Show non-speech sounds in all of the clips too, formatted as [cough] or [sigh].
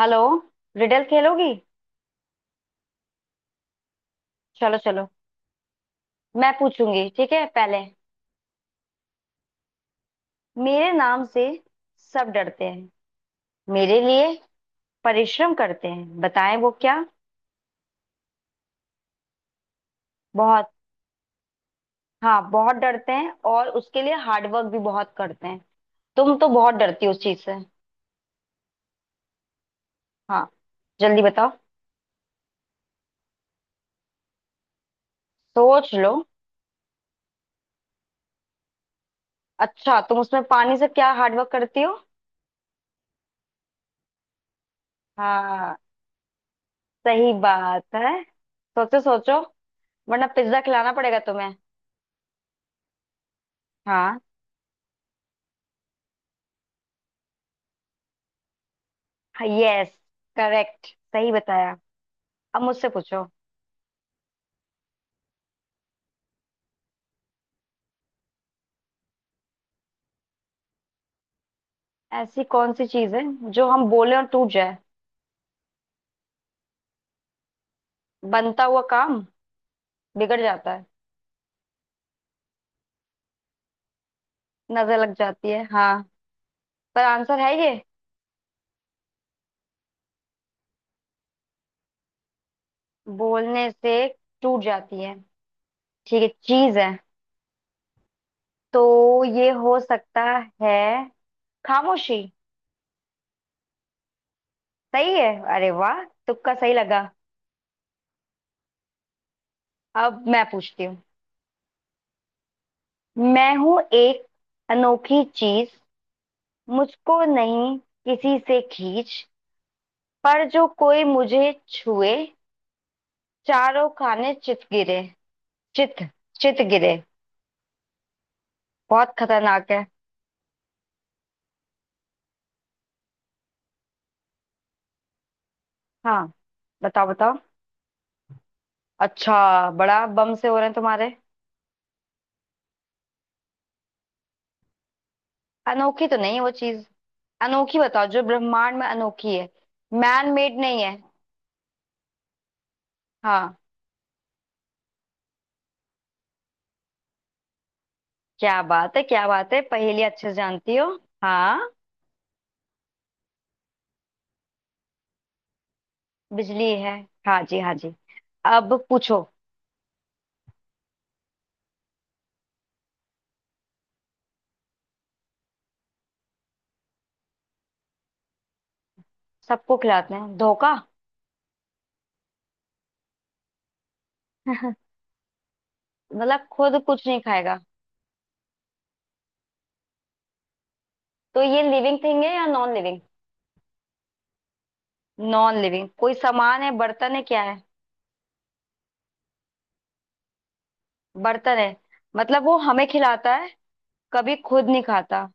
Hello. Riddle खेलोगी। चलो चलो। मैं पूछूंगी, ठीक है? पहले मेरे नाम से सब डरते हैं, मेरे लिए परिश्रम करते हैं, बताएं वो क्या। बहुत। हाँ, बहुत डरते हैं, और उसके लिए हार्डवर्क भी बहुत करते हैं। तुम तो बहुत डरती हो उस चीज से। हाँ। जल्दी बताओ। सोच लो। अच्छा, तुम उसमें पानी से क्या हार्डवर्क करती हो? हाँ, सही बात है। सोचो सोचो। वरना पिज्जा खिलाना पड़ेगा तुम्हें। हाँ। यस। करेक्ट। सही बताया। अब मुझसे पूछो। ऐसी कौन सी चीज है जो हम बोले और टूट जाए? बनता हुआ काम बिगड़ जाता है। नजर लग जाती है हाँ। पर आंसर है ये बोलने से टूट जाती है? ठीक है, चीज है, तो ये हो सकता है खामोशी। सही है। अरे वाह, तुक्का सही लगा। अब मैं पूछती हूँ। मैं हूं एक अनोखी चीज, मुझको नहीं किसी से खींच, पर जो कोई मुझे छुए चारों खाने चित गिरे। चित चित गिरे। बहुत खतरनाक है। हाँ, बताओ बताओ। अच्छा, बड़ा बम से हो रहे हैं तुम्हारे। अनोखी तो नहीं है वो चीज। अनोखी बताओ जो ब्रह्मांड में अनोखी है। मैन मेड नहीं है। हाँ। क्या बात है क्या बात है, पहेली अच्छे से जानती हो। हाँ। बिजली है। हाँ जी हाँ जी। अब पूछो। सबको खिलाते हैं धोखा। [laughs] मतलब खुद कुछ नहीं खाएगा, तो ये लिविंग थिंग है या नॉन लिविंग? नॉन लिविंग कोई सामान है, बर्तन है, क्या है? बर्तन है। मतलब वो हमें खिलाता है, कभी खुद नहीं खाता।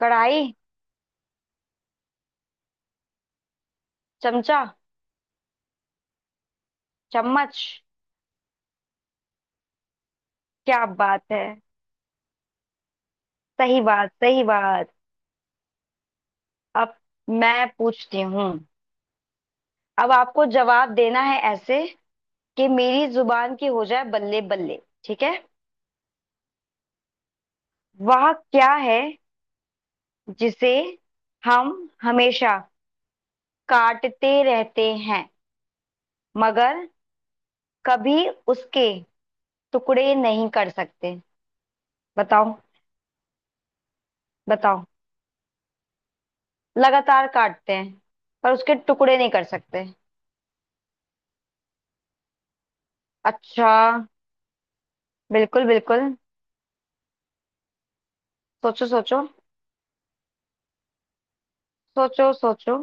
कढ़ाई। चमचा। चम्मच। क्या बात है। सही बात सही बात। अब मैं पूछती हूँ। अब आपको जवाब देना है ऐसे कि मेरी जुबान की हो जाए बल्ले बल्ले। ठीक है। वह क्या है जिसे हम हमेशा काटते रहते हैं, मगर कभी उसके टुकड़े नहीं कर सकते? बताओ बताओ। लगातार काटते हैं, पर उसके टुकड़े नहीं कर सकते। अच्छा। बिल्कुल बिल्कुल। सोचो सोचो। सोचो सोचो,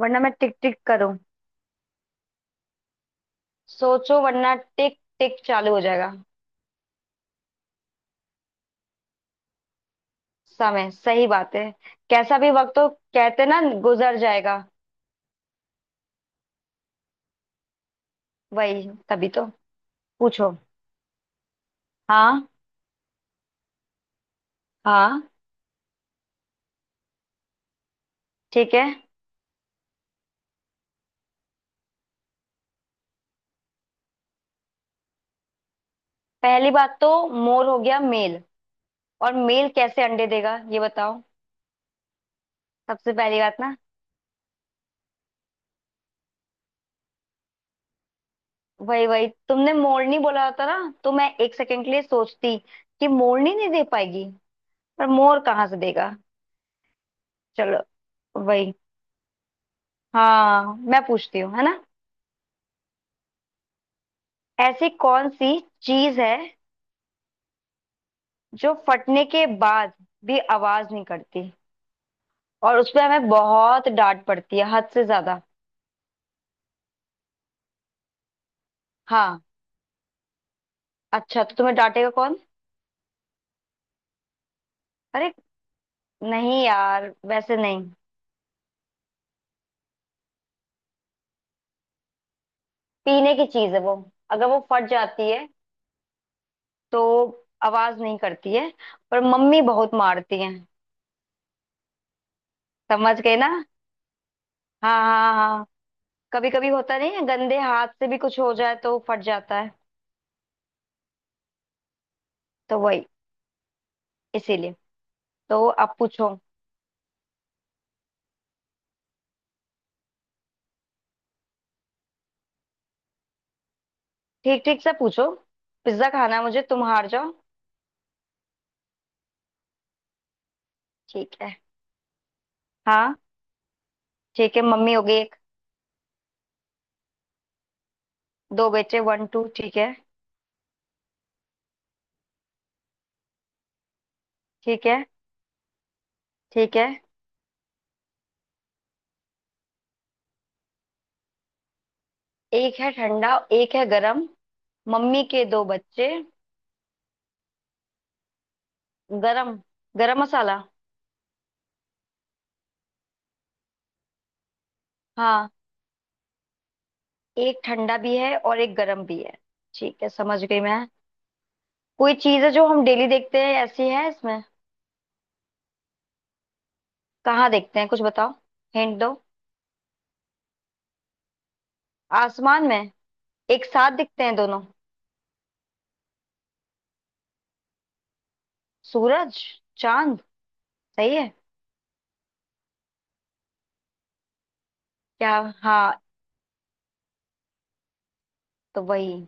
वरना मैं टिक टिक करूं। सोचो, वरना टिक टिक चालू हो जाएगा। समय। सही बात है। कैसा भी वक्त हो, कहते ना, गुजर जाएगा। वही, तभी तो। पूछो। हाँ हाँ ठीक है। पहली बात तो मोर हो गया मेल, और मेल कैसे अंडे देगा ये बताओ। सबसे पहली बात ना, वही वही तुमने मोरनी बोला होता ना, तो मैं एक सेकंड के लिए सोचती कि मोरनी नहीं दे पाएगी, पर मोर कहाँ से देगा। चलो। वही। हाँ, मैं पूछती हूँ, है ना? ऐसी कौन सी चीज है जो फटने के बाद भी आवाज नहीं करती, और उसपे हमें बहुत डांट पड़ती है हद से ज्यादा? हाँ। अच्छा, तो तुम्हें डांटेगा कौन? अरे नहीं यार, वैसे नहीं। पीने की चीज है वो, अगर वो फट जाती है तो आवाज नहीं करती है, पर मम्मी बहुत मारती है। समझ गए ना? हाँ हाँ हाँ। कभी कभी होता नहीं है, गंदे हाथ से भी कुछ हो जाए तो फट जाता है। तो वही, इसीलिए। तो अब पूछो। ठीक ठीक से पूछो। पिज्जा खाना है मुझे, तुम हार जाओ। ठीक है। हाँ ठीक है। मम्मी हो गई एक। दो बेटे, वन टू, ठीक है। ठीक है। ठीक है। एक है ठंडा, एक है गरम। मम्मी के दो बच्चे। गरम, गरम मसाला। हाँ, एक ठंडा भी है और एक गरम भी है। ठीक है, समझ गई मैं। कोई चीज है जो हम डेली देखते हैं, ऐसी है इसमें? कहाँ देखते हैं, कुछ बताओ, हिंट दो। आसमान में एक साथ दिखते हैं दोनों? सूरज, चांद। सही है। क्या। हाँ। तो वही।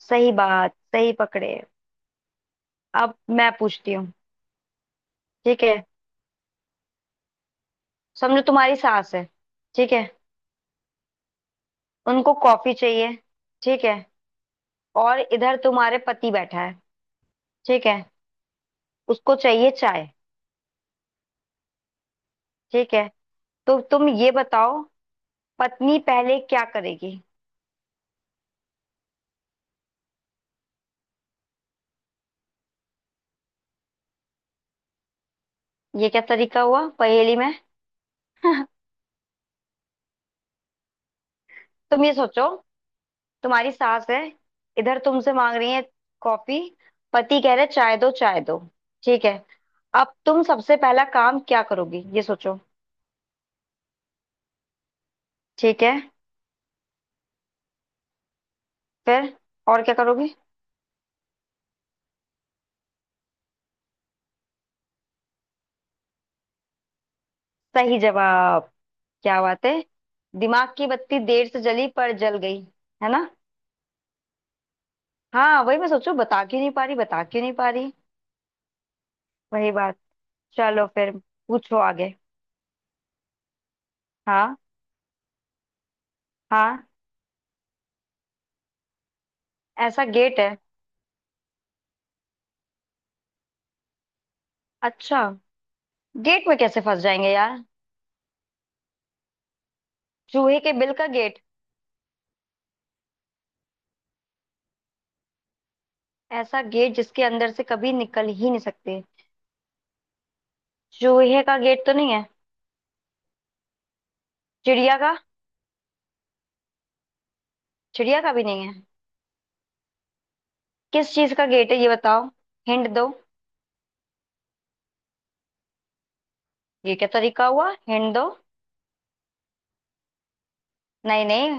सही बात, सही पकड़े। अब मैं पूछती हूँ। ठीक है। समझो, तुम्हारी सास है, ठीक है? उनको कॉफी चाहिए, ठीक है? और इधर तुम्हारे पति बैठा है, ठीक है? उसको चाहिए चाय, ठीक है? तो तुम ये बताओ, पत्नी पहले क्या करेगी? ये क्या तरीका हुआ पहेली में। [laughs] तुम ये सोचो, तुम्हारी सास है, इधर तुमसे मांग रही है कॉफी, पति कह रहे चाय दो चाय दो, ठीक है? अब तुम सबसे पहला काम क्या करोगी, ये सोचो। ठीक है, फिर और क्या करोगी? सही जवाब। क्या बात है। दिमाग की बत्ती देर से जली, पर जल गई। है ना? हाँ, वही मैं सोचू बता क्यों नहीं पा रही, बता क्यों नहीं पा रही। वही बात। चलो फिर, पूछो आगे। हाँ हाँ। ऐसा गेट है? अच्छा, गेट में कैसे फंस जाएंगे यार। चूहे के बिल का गेट? ऐसा गेट जिसके अंदर से कभी निकल ही नहीं सकते? चूहे का गेट तो नहीं है। चिड़िया का? चिड़िया का भी नहीं है। किस चीज का गेट है, ये बताओ, हिंट दो। ये क्या तरीका हुआ, हिंट दो। नहीं नहीं।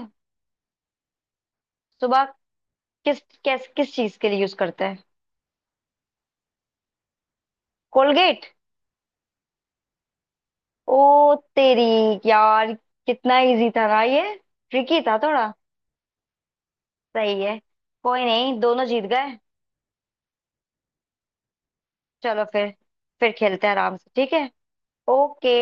सुबह किस किस किस चीज के लिए यूज करते हैं? कोलगेट। ओ तेरी। यार, कितना इजी था ना ये। ट्रिकी था थोड़ा। सही है। कोई नहीं, दोनों जीत गए। चलो फिर। फिर खेलते हैं आराम से, ठीक है? ओके।